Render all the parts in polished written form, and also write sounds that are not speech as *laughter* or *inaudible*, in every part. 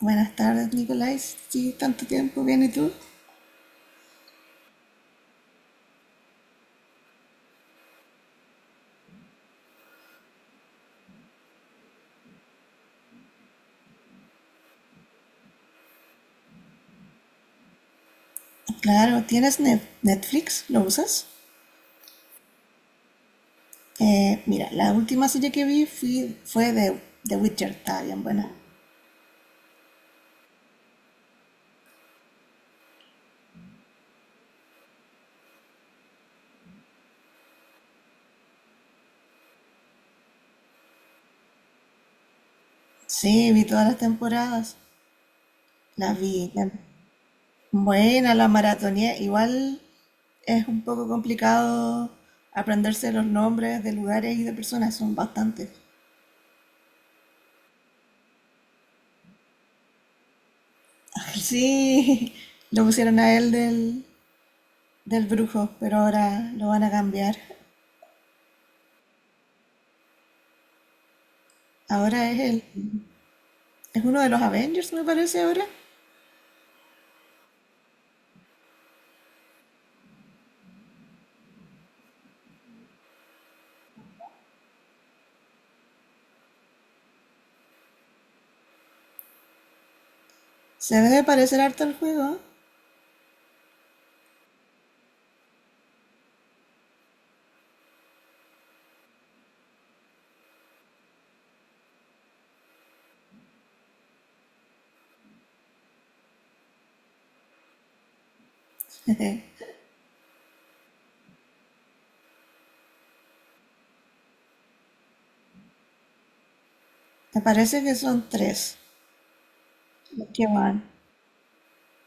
Buenas tardes, Nicolás. Sí, tanto tiempo, bien, ¿y tú? Claro, ¿tienes Netflix? ¿Lo usas? Mira, la última serie que vi fue de The Witcher, está bien buena. Sí, vi todas las temporadas, las vi. Buena, la maratoneé. Igual es un poco complicado aprenderse los nombres de lugares y de personas, son bastantes. *laughs* Sí, lo pusieron a él del, del brujo, pero ahora lo van a cambiar. Ahora es él. Es uno de los Avengers, me parece ahora. Se debe de parecer harto el juego. ¿Eh? *laughs* Me parece que son tres los que van.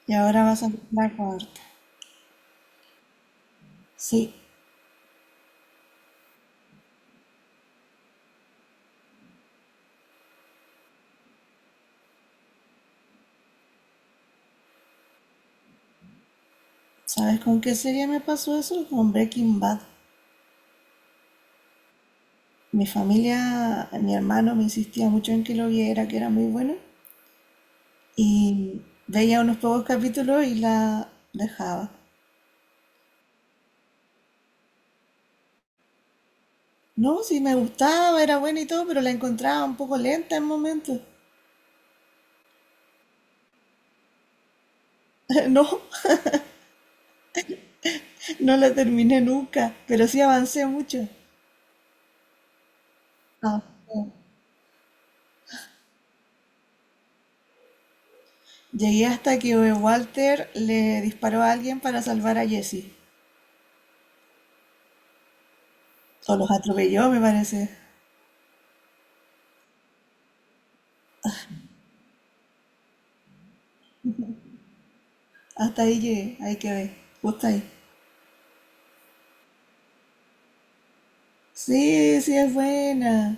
Y ahora vas a la cuarta. Sí. ¿Sabes con qué serie me pasó eso? Con Breaking Bad. Mi familia, mi hermano me insistía mucho en que lo viera, que era muy bueno. Y veía unos pocos capítulos y la dejaba. No, sí me gustaba, era buena y todo, pero la encontraba un poco lenta en momentos. *laughs* No, no la terminé nunca, pero sí avancé mucho. Ah, sí. Llegué hasta que Walter le disparó a alguien para salvar a Jesse. O los atropelló, me parece. Hasta ahí llegué, ahí quedé, justo ahí. Sí, sí es buena,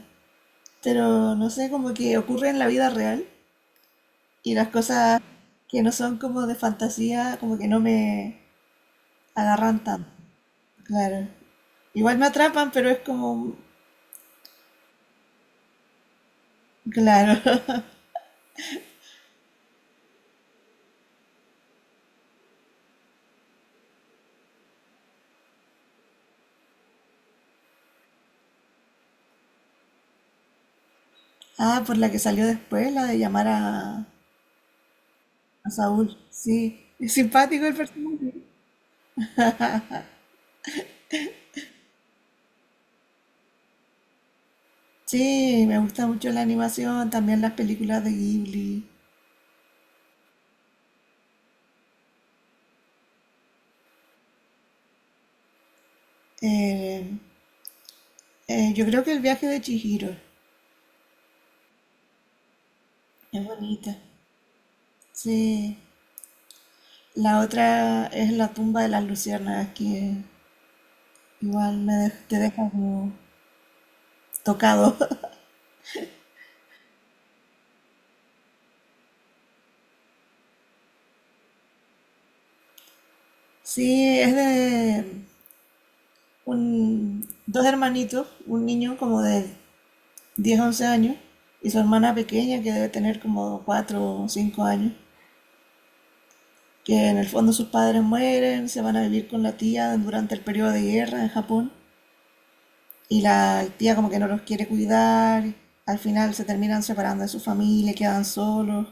pero no sé, como que ocurre en la vida real y las cosas que no son como de fantasía, como que no me agarran tanto. Claro. Igual me atrapan, pero es como... Claro. Ah, por la que salió después, la de llamar a Saúl. Sí, es simpático el personaje. Sí, me gusta mucho la animación, también las películas de Ghibli. Eh, yo creo que el viaje de Chihiro es bonita. Sí, la otra es la tumba de las luciérnagas, que igual te deja como tocado. *laughs* Sí, es de un, dos hermanitos, un niño como de 10 11 años, y su hermana pequeña, que debe tener como 4 o 5 años, que en el fondo sus padres mueren, se van a vivir con la tía durante el periodo de guerra en Japón, y la tía como que no los quiere cuidar, al final se terminan separando de su familia, quedan solos,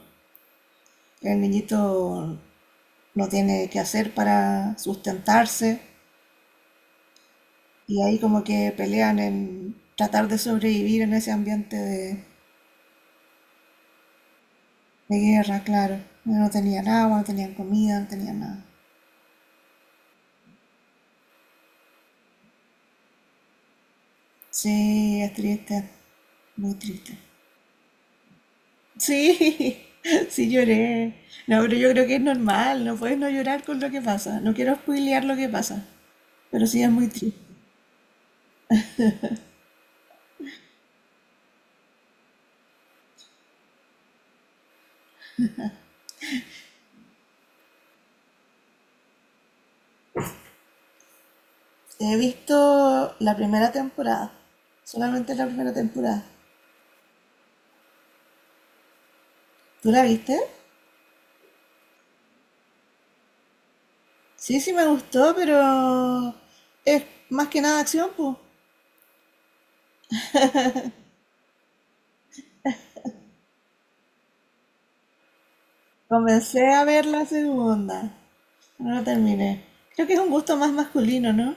el niñito no tiene qué hacer para sustentarse, y ahí como que pelean en tratar de sobrevivir en ese ambiente de guerra, claro. No tenían agua, no tenían comida, no tenían nada. Sí, es triste, muy triste. Sí, *laughs* sí lloré. No, pero yo creo que es normal, no puedes no llorar con lo que pasa. No quiero spoilear lo que pasa, pero sí es muy triste. He visto la primera temporada, solamente la primera temporada. ¿Tú la viste? Sí, sí me gustó, pero es más que nada acción, pues. Comencé a ver la segunda, no la terminé. Creo que es un gusto más masculino, ¿no?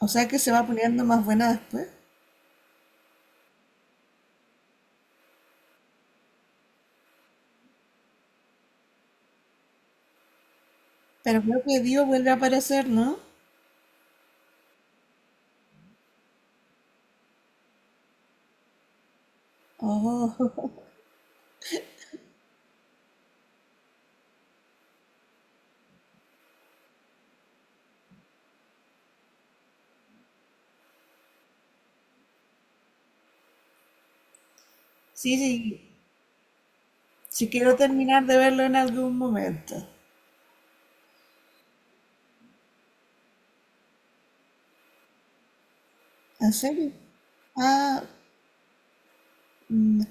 O sea que se va poniendo más buena después. Pero creo que Dio vuelve a aparecer, ¿no? Oh, *laughs* sí, sí. Si quiero terminar de verlo en algún momento. ¿En serio? Ah, mm,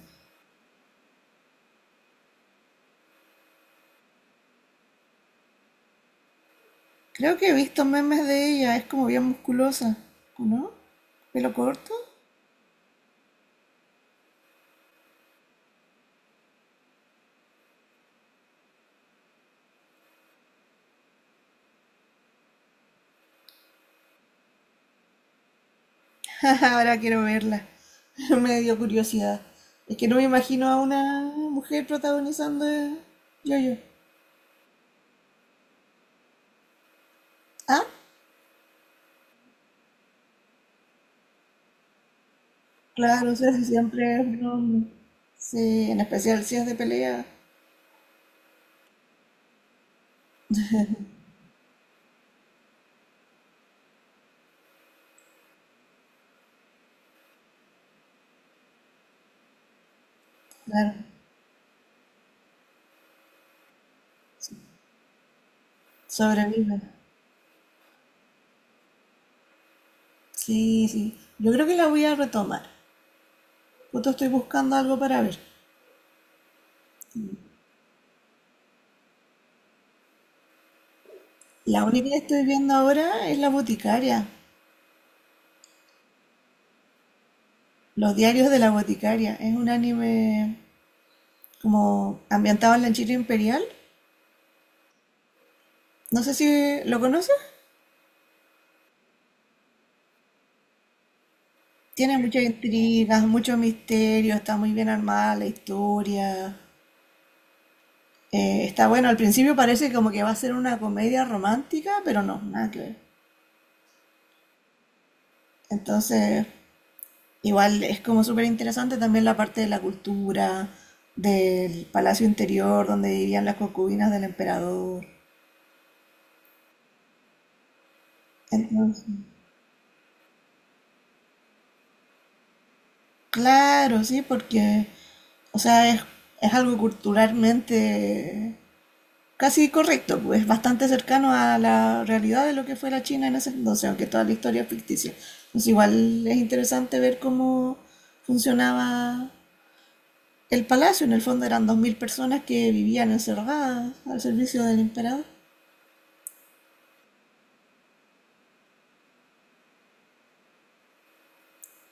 creo que he visto memes de ella. Es como bien musculosa, ¿no? ¿Pelo corto? *laughs* Ahora quiero verla. *laughs* Me dio curiosidad. Es que no me imagino a una mujer protagonizando yo-yo. Ah, claro, o sea, si siempre es un hombre. Sí, en especial si es de pelea. Claro. Sobrevive. Sí, sí. Yo creo que la voy a retomar. Justo estoy buscando algo para ver. La única que estoy viendo ahora es La Boticaria. Los diarios de la Boticaria. Es un anime como ambientado en la China imperial. No sé si lo conoces. Tiene muchas intrigas, mucho misterio, está muy bien armada la historia. Está bueno, al principio parece como que va a ser una comedia romántica, pero no, nada que ver. Entonces, igual es como súper interesante también la parte de la cultura, del palacio interior donde vivían las concubinas del emperador. Entonces, claro, sí, porque, o sea, es algo culturalmente casi correcto, pues bastante cercano a la realidad de lo que fue la China en ese entonces, aunque toda la historia es ficticia. Pues igual es interesante ver cómo funcionaba el palacio. En el fondo eran 2.000 personas que vivían encerradas al servicio del emperador.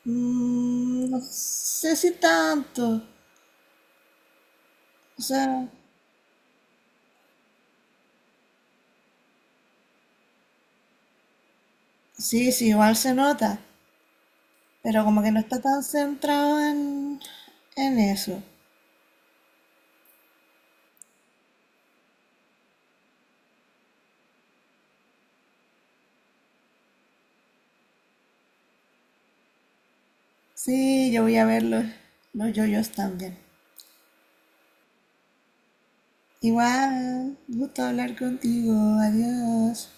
Mm, no sé si tanto. O sea, sí, sí, igual se nota, pero como que no está tan centrado en eso. Sí, yo voy a ver los yoyos también. Igual, gusto hablar contigo. Adiós.